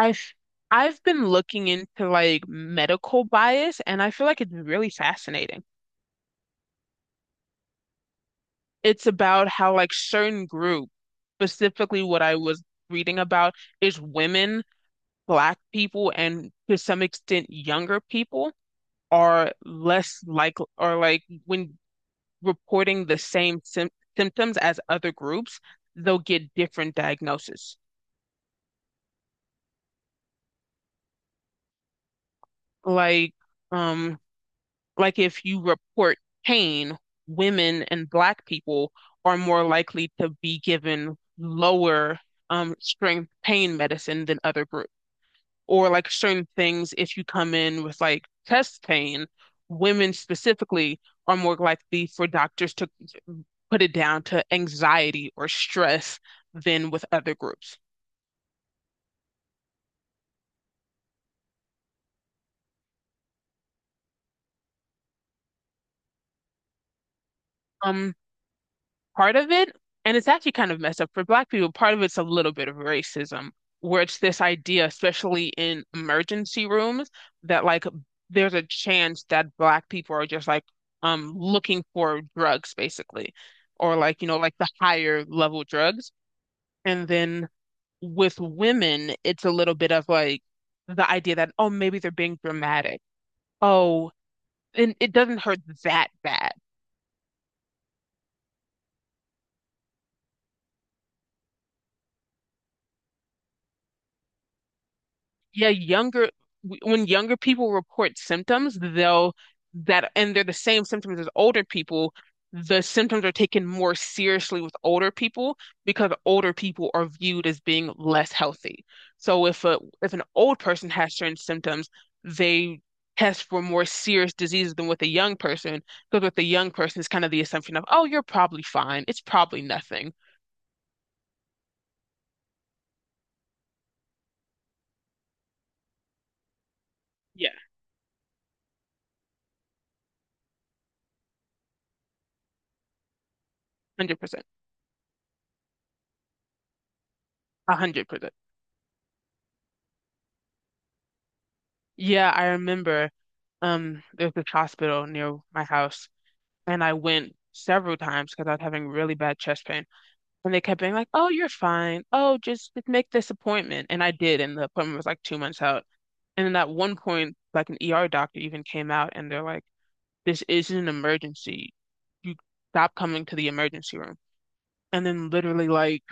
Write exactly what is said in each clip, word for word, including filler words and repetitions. I've I've been looking into like medical bias, and I feel like it's really fascinating. It's about how like certain group, specifically what I was reading about is women, black people, and to some extent younger people are less like, or like when reporting the same sym symptoms as other groups, they'll get different diagnoses. Like um like if you report pain, women and black people are more likely to be given lower um, strength pain medicine than other groups. Or like certain things, if you come in with like chest pain, women specifically are more likely for doctors to put it down to anxiety or stress than with other groups. Um, Part of it, and it's actually kind of messed up for Black people, part of it's a little bit of racism, where it's this idea, especially in emergency rooms, that like there's a chance that Black people are just like um looking for drugs basically, or like you know like the higher level drugs, and then with women, it's a little bit of like the idea that, oh, maybe they're being dramatic, oh, and it doesn't hurt that bad. Yeah, younger w- when younger people report symptoms, they'll that, and they're the same symptoms as older people. The symptoms are taken more seriously with older people because older people are viewed as being less healthy. So if a if an old person has certain symptoms, they test for more serious diseases than with a young person, because with a young person, it's kind of the assumption of, oh, you're probably fine. It's probably nothing. Yeah, one hundred percent. one hundred percent. Yeah, I remember um there's this hospital near my house, and I went several times because I was having really bad chest pain. And they kept being like, "Oh, you're fine. Oh, just, just make this appointment." And I did, and the appointment was like two months out. And then at one point, like an E R doctor even came out and they're like, "This isn't an emergency. You stop coming to the emergency room." And then literally like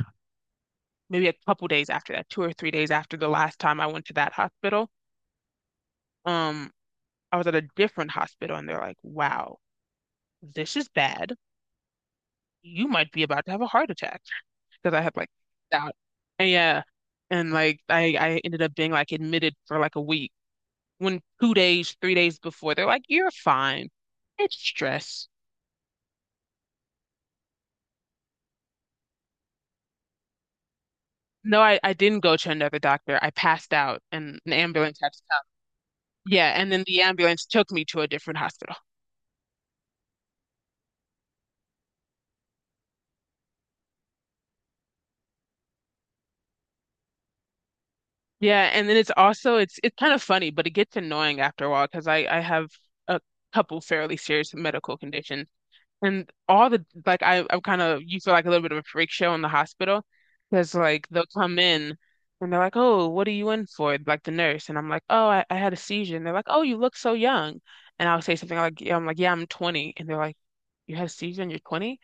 maybe a couple days after that, two or three days after the last time I went to that hospital, um I was at a different hospital, and they're like, wow, this is bad. You might be about to have a heart attack, because I had like doubt. And yeah. And like I, I ended up being like admitted for like a week, when two days, three days before, they're like, you're fine. It's stress. No, I, I didn't go to another doctor. I passed out and an ambulance had to come. Yeah. And then the ambulance took me to a different hospital. Yeah, and then it's also it's it's kind of funny, but it gets annoying after a while because I I have a couple fairly serious medical conditions, and all the like I I'm kind of, you feel like a little bit of a freak show in the hospital because like they'll come in and they're like, oh, what are you in for? Like the nurse, and I'm like, oh, I, I had a seizure, and they're like, oh, you look so young, and I'll say something like, yeah, I'm like, yeah, I'm twenty, and they're like, you had a seizure and you're twenty?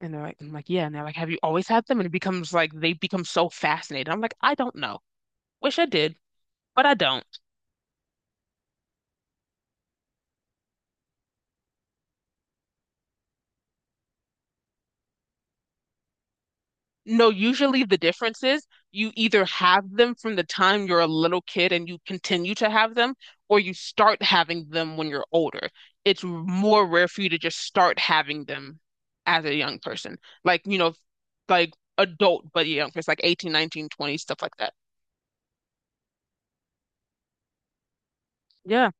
And they're like, I'm like, yeah, and they're like, have you always had them? And it becomes like they become so fascinated. I'm like, I don't know. Wish I did, but I don't. No, usually the difference is you either have them from the time you're a little kid and you continue to have them, or you start having them when you're older. It's more rare for you to just start having them as a young person, like, you know, like adult, but young person, like eighteen, nineteen, twenty, stuff like that. Yeah.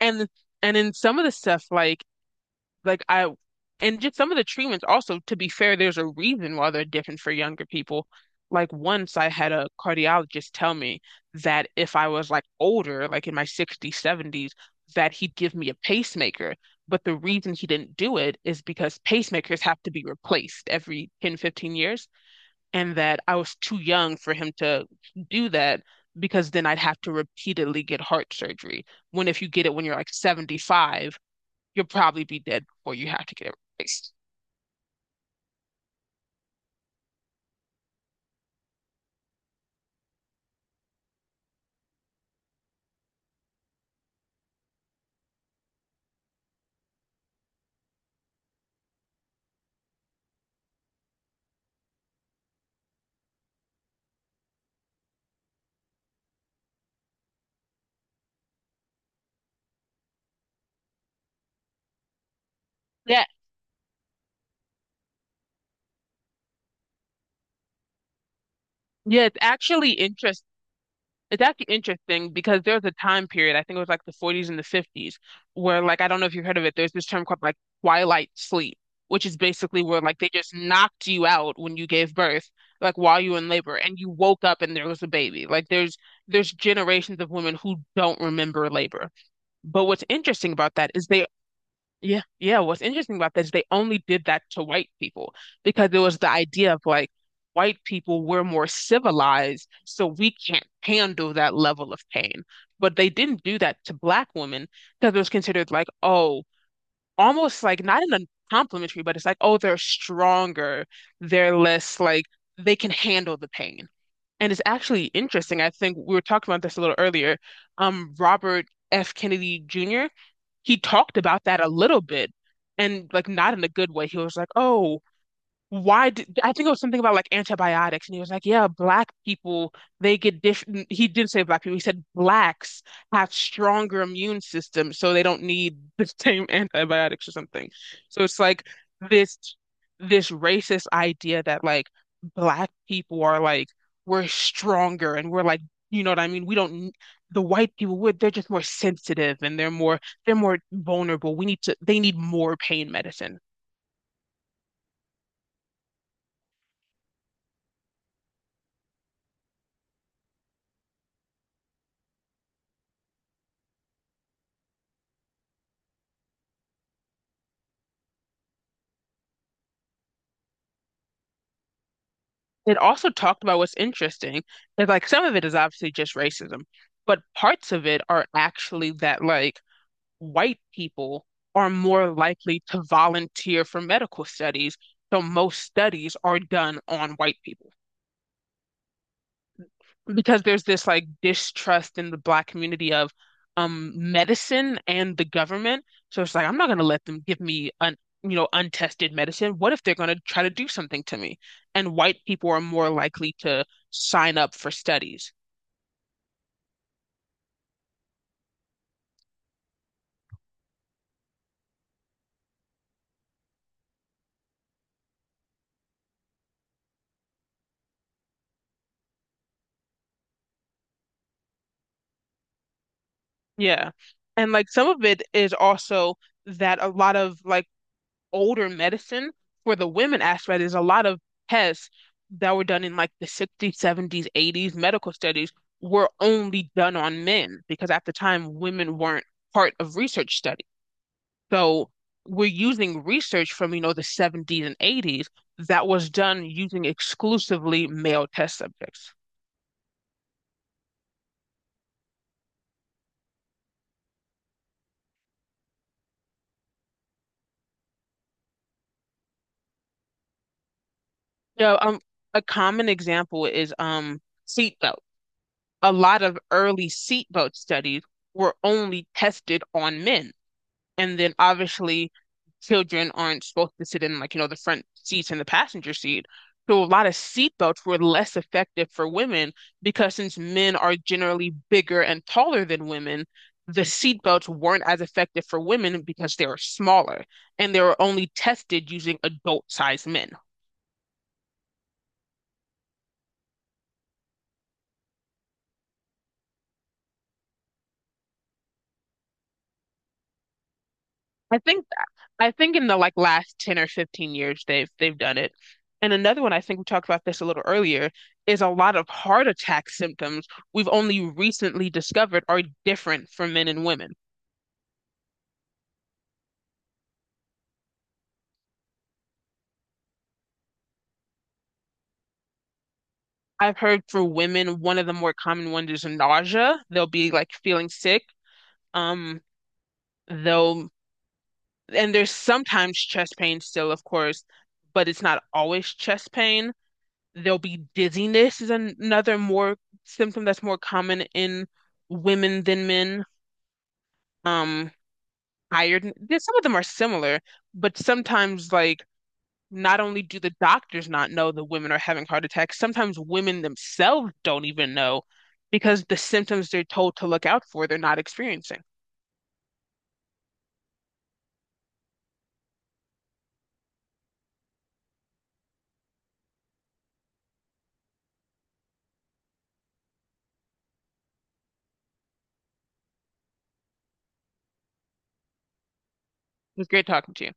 And and in some of the stuff, like Like I and just some of the treatments also, to be fair, there's a reason why they're different for younger people. Like once I had a cardiologist tell me that if I was like older, like in my sixties, seventies, that he'd give me a pacemaker. But the reason he didn't do it is because pacemakers have to be replaced every ten, fifteen years, and that I was too young for him to do that, because then I'd have to repeatedly get heart surgery. When if you get it when you're like seventy-five, you'll probably be dead before you have to get it replaced. Yeah, yeah, it's actually interest. It's actually interesting because there's a time period, I think it was like the forties and the fifties, where like I don't know if you've heard of it, there's this term called like twilight sleep, which is basically where like they just knocked you out when you gave birth, like while you were in labor, and you woke up and there was a baby. Like there's there's generations of women who don't remember labor. But what's interesting about that is they Yeah, yeah. What's interesting about that is they only did that to white people because it was the idea of like white people were more civilized, so we can't handle that level of pain. But they didn't do that to black women because it was considered like, oh, almost like not in a complimentary, but it's like, oh, they're stronger, they're less like they can handle the pain. And it's actually interesting. I think we were talking about this a little earlier. Um, Robert F. Kennedy Junior he talked about that a little bit and like not in a good way. He was like, oh, why did I think it was something about like antibiotics, and he was like, "Yeah, black people they get different." He didn't say black people. He said blacks have stronger immune systems, so they don't need the same antibiotics or something. So it's like this this racist idea that like black people are like we're stronger and we're like you know what I mean. We don't n- the white people would they're just more sensitive and they're more they're more vulnerable. We need to they need more pain medicine. It also talked about what's interesting is like some of it is obviously just racism, but parts of it are actually that like white people are more likely to volunteer for medical studies. So most studies are done on white people because there's this like distrust in the black community of um medicine and the government. So it's like I'm not going to let them give me un you know untested medicine. What if they're going to try to do something to me? And white people are more likely to sign up for studies. Yeah. And like some of it is also that a lot of like older medicine, for the women aspect. There's a lot of tests that were done in like the sixties, seventies, eighties. Medical studies were only done on men because at the time women weren't part of research studies. So we're using research from, you know, the seventies and eighties that was done using exclusively male test subjects. So, um, a common example is um seatbelt. A lot of early seatbelt studies were only tested on men. And then obviously, children aren't supposed to sit in like, you know, the front seats and the passenger seat. So a lot of seatbelts were less effective for women because since men are generally bigger and taller than women, the seatbelts weren't as effective for women because they were smaller, and they were only tested using adult-sized men. I think I think in the like last ten or fifteen years they've they've done it. And another one, I think we talked about this a little earlier, is a lot of heart attack symptoms we've only recently discovered are different for men and women. I've heard for women, one of the more common ones is nausea. They'll be like feeling sick. Um, they'll and there's sometimes chest pain still, of course, but it's not always chest pain. There'll be dizziness is another more symptom that's more common in women than men. Um, tired. There's, some of them are similar, but sometimes like not only do the doctors not know that women are having heart attacks, sometimes women themselves don't even know because the symptoms they're told to look out for, they're not experiencing. It was great talking to you.